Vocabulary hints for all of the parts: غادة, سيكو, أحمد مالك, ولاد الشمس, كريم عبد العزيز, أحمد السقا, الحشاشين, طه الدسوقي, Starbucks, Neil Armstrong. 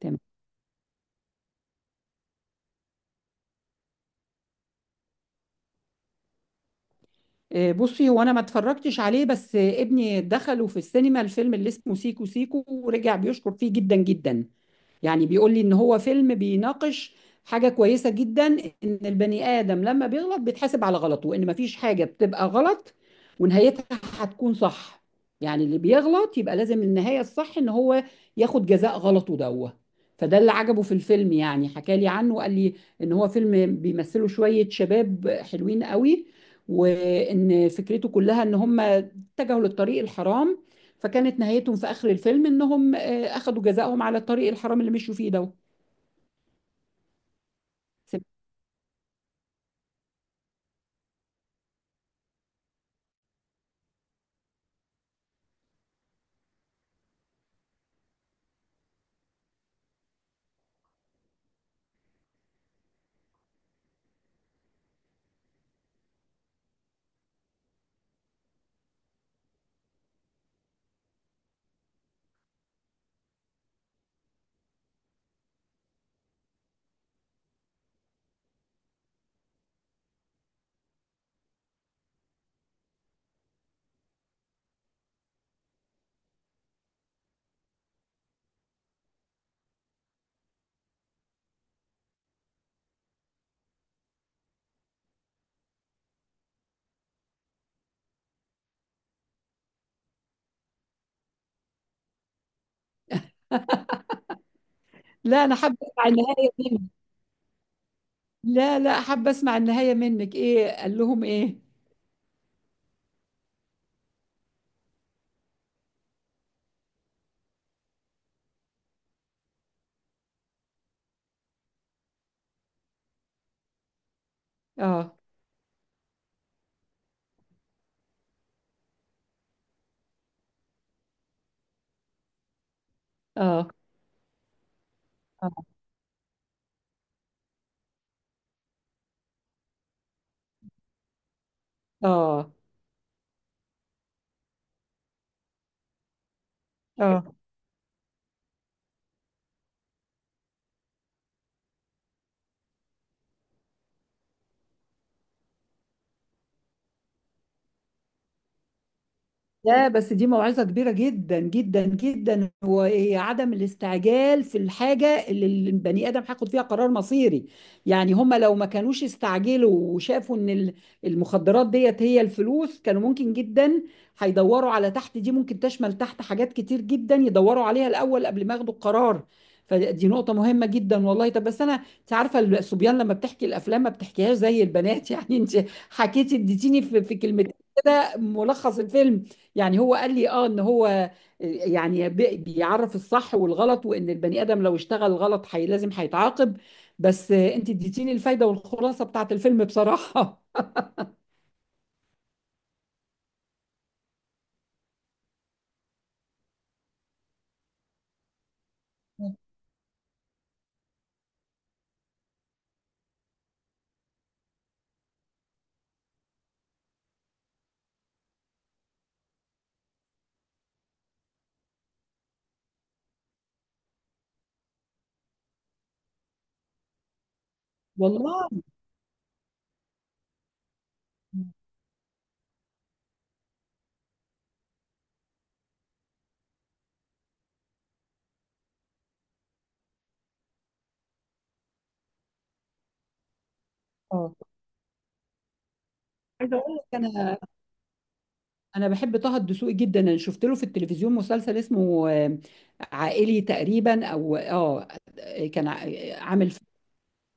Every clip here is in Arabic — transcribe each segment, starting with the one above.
تمام. بصي، هو انا ما اتفرجتش عليه. بس ابني دخله في السينما الفيلم اللي اسمه سيكو سيكو، ورجع بيشكر فيه جدا جدا. يعني بيقول لي ان هو فيلم بيناقش حاجة كويسة جدا، ان البني آدم لما بيغلط بيتحاسب على غلطه، وان مفيش حاجة بتبقى غلط ونهايتها هتكون صح. يعني اللي بيغلط يبقى لازم النهاية الصح ان هو ياخد جزاء غلطه دوه. فده اللي عجبه في الفيلم. يعني حكى لي عنه وقال لي ان هو فيلم بيمثله شوية شباب حلوين قوي، وان فكرته كلها ان هم اتجهوا للطريق الحرام، فكانت نهايتهم في اخر الفيلم انهم اخذوا جزاءهم على الطريق الحرام اللي مشوا فيه ده. لا، انا حابه اسمع النهايه منك. لا، لا، حابه اسمع النهايه منك، ايه قال لهم؟ ايه؟ اه، اه، اه، اه، اه. لا، بس دي موعظة كبيرة جدا جدا جدا، هو إيه، هي عدم الاستعجال في الحاجة اللي البني آدم هياخد فيها قرار مصيري. يعني هما لو ما كانوش استعجلوا وشافوا ان المخدرات ديت هي الفلوس، كانوا ممكن جدا هيدوروا على تحت دي. ممكن تشمل تحت حاجات كتير جدا يدوروا عليها الأول قبل ما ياخدوا القرار. فدي نقطة مهمة جدا والله. طب بس أنا، أنت عارفة الصبيان لما بتحكي الأفلام ما بتحكيهاش زي البنات. يعني أنت حكيتي، اديتيني في كلمتين كده ملخص الفيلم. يعني هو قال لي اه، ان هو يعني بيعرف الصح والغلط، وان البني ادم لو اشتغل غلط حي لازم هيتعاقب. بس انت اديتيني الفايده والخلاصه بتاعت الفيلم بصراحه. والله. اه، عايزه اقول لك. انا بحب طه الدسوقي جدا. انا شفت له في التلفزيون مسلسل اسمه عائلي تقريبا، او اه، كان عامل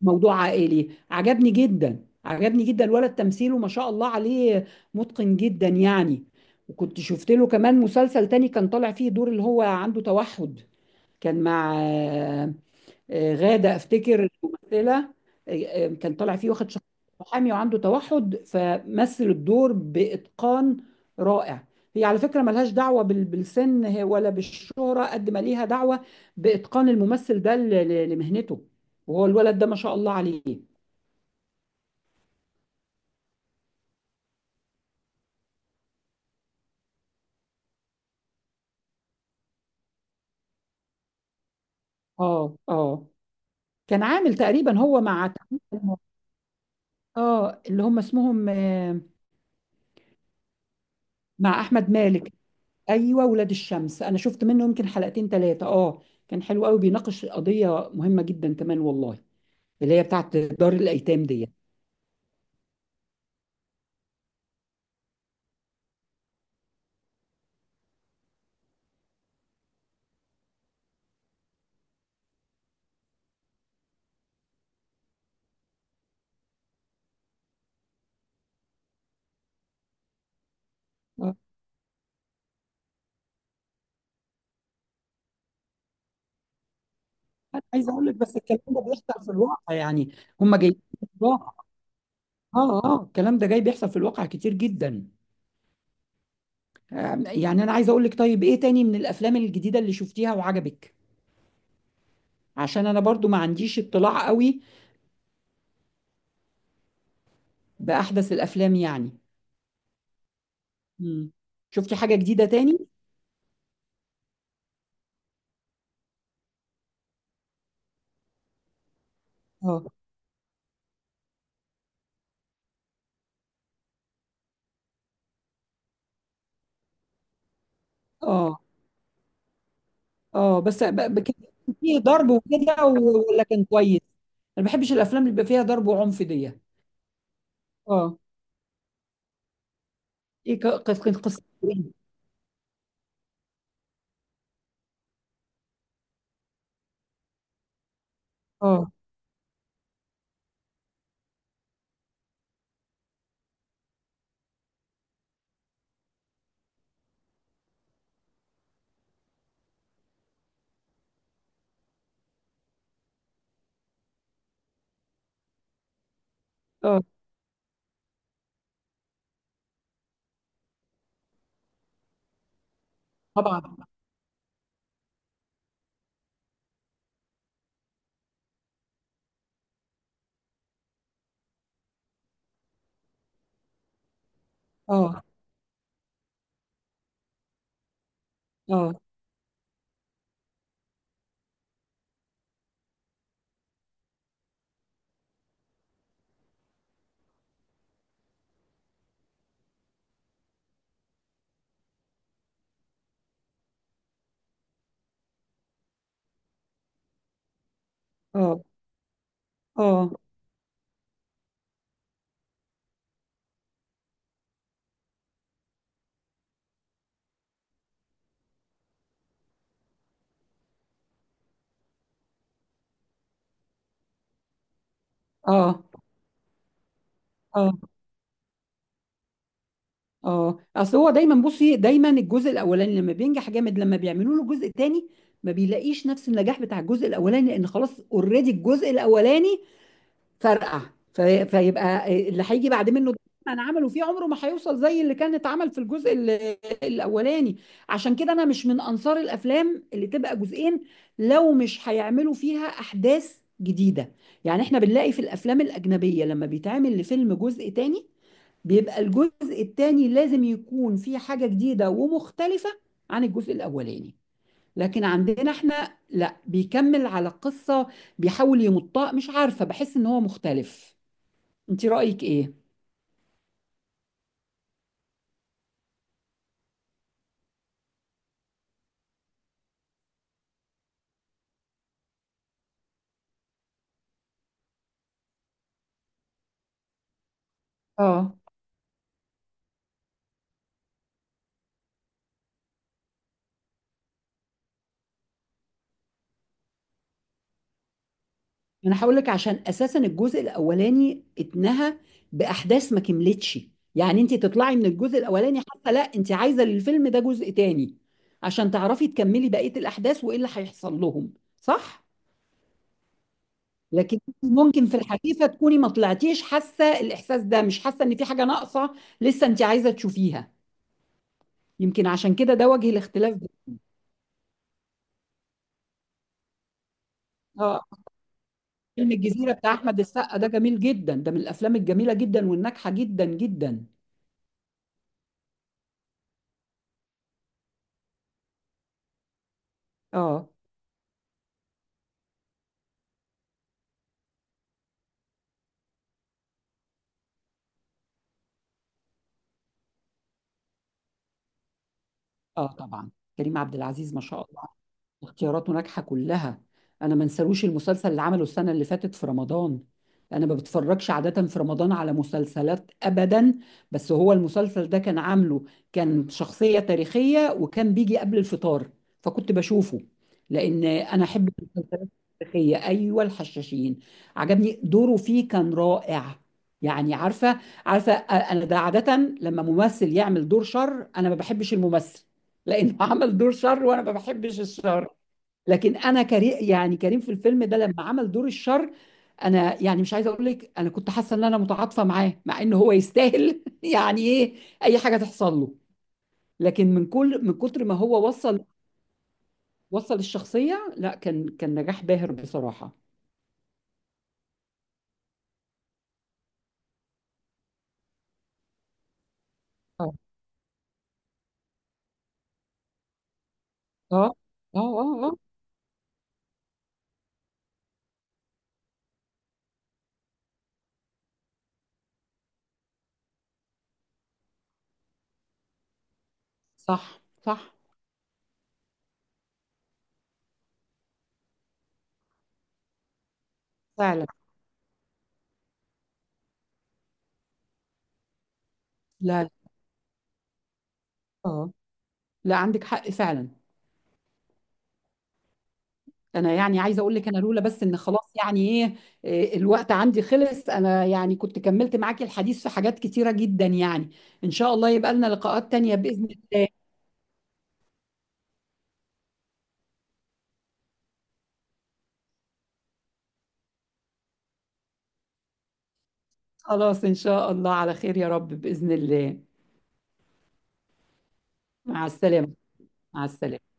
موضوع عائلي. عجبني جدا، عجبني جدا. الولد تمثيله ما شاء الله عليه، متقن جدا يعني. وكنت شفت له كمان مسلسل تاني كان طالع فيه دور اللي هو عنده توحد. كان مع غادة، افتكر ممثلة. كان طالع فيه واخد شخصية محامي وعنده توحد، فمثل الدور بإتقان رائع. هي على فكرة ملهاش دعوة بالسن ولا بالشهرة، قد ما ليها دعوة بإتقان الممثل ده لمهنته. وهو الولد ده ما شاء الله عليه. اه، اه، كان عامل تقريبا هو مع اه، اللي هم اسمهم مع أحمد مالك. ايوه، ولاد الشمس، انا شفت منه يمكن حلقتين ثلاثه. اه، كان حلو قوي، بيناقش قضيه مهمه جدا كمان والله، اللي هي بتاعت دار الايتام دي. آه. انا عايز اقول لك بس، الكلام ده بيحصل في الواقع يعني. هم جايين في الواقع. اه، اه، الكلام ده جاي، بيحصل في الواقع كتير جدا. يعني انا عايز اقول لك، طيب ايه تاني من الافلام الجديده اللي شفتيها وعجبك؟ عشان انا برضو ما عنديش اطلاع قوي باحدث الافلام يعني. مم. شفتي حاجه جديده تاني؟ اه، اه، اه. بس كان فيه ضرب وكده، ولا كان كويس؟ انا ما بحبش الافلام اللي بيبقى فيها ضرب وعنف دي. اه، ايه كانت قصه إيه؟ اه، اه، طبعا. اه، اه، اه، اه، اه، اه، اه. اصل هو دايما، بصي، دايما الجزء الاولاني لما بينجح جامد، لما بيعملوا له جزء تاني ما بيلاقيش نفس النجاح بتاع الجزء الاولاني، لان خلاص اوريدي الجزء الاولاني فرقع. فيبقى اللي هيجي بعد منه ده انا عمله فيه عمره ما هيوصل زي اللي كان اتعمل في الجزء الاولاني. عشان كده انا مش من انصار الافلام اللي تبقى جزئين لو مش هيعملوا فيها احداث جديده. يعني احنا بنلاقي في الافلام الاجنبيه لما بيتعمل لفيلم جزء تاني، بيبقى الجزء التاني لازم يكون فيه حاجه جديده ومختلفه عن الجزء الاولاني. لكن عندنا احنا لا، بيكمل على القصة، بيحاول يمطها، مش عارفة، بحس ان هو مختلف. انت رأيك ايه؟ اه، انا هقول لك، عشان اساسا الجزء الاولاني اتنهى باحداث ما كملتش. يعني انت تطلعي من الجزء الاولاني حتى لا، انت عايزة للفيلم ده جزء تاني عشان تعرفي تكملي بقية الاحداث وايه اللي هيحصل لهم. صح؟ لكن ممكن في الحقيقة تكوني ما طلعتيش حاسة الاحساس ده، مش حاسة ان في حاجة ناقصة لسه انت عايزة تشوفيها. يمكن عشان كده ده وجه الاختلاف. اه، فيلم الجزيرة بتاع أحمد السقا ده جميل جدا، ده من الأفلام الجميلة جدا والناجحة جدا جدا. اه، اه، طبعا. كريم عبد العزيز ما شاء الله، اختياراته ناجحه كلها. انا ما انساروش المسلسل اللي عمله السنه اللي فاتت في رمضان. انا ما بتفرجش عاده في رمضان على مسلسلات ابدا، بس هو المسلسل ده كان عامله، كان شخصيه تاريخيه وكان بيجي قبل الفطار فكنت بشوفه، لان انا احب المسلسلات التاريخيه. ايوه الحشاشين، عجبني دوره فيه كان رائع. يعني عارفه، عارفه انا، ده عاده لما ممثل يعمل دور شر انا ما بحبش الممثل، لانه عمل دور شر وانا ما بحبش الشر. لكن انا، كريم، يعني كريم في الفيلم ده لما عمل دور الشر، انا يعني مش عايزه اقول لك انا كنت حاسه ان انا متعاطفه معاه مع ان هو يستاهل يعني ايه اي حاجه تحصل له. لكن من كل من كتر ما هو وصل الشخصيه، لا، كان نجاح باهر بصراحه. اه، اه، اه، اه، اه. صح، صح. فعلا. لا، اه، لا، عندك حق فعلا. انا يعني عايزه اقول لك انا، لولا بس ان خلاص، يعني ايه، إيه، الوقت عندي خلص. انا يعني كنت كملت معاكي الحديث في حاجات كتيره جدا يعني. ان شاء الله يبقى لنا لقاءات تانية باذن الله. خلاص ان شاء الله، على خير يا رب باذن الله. مع السلامه. مع السلامه.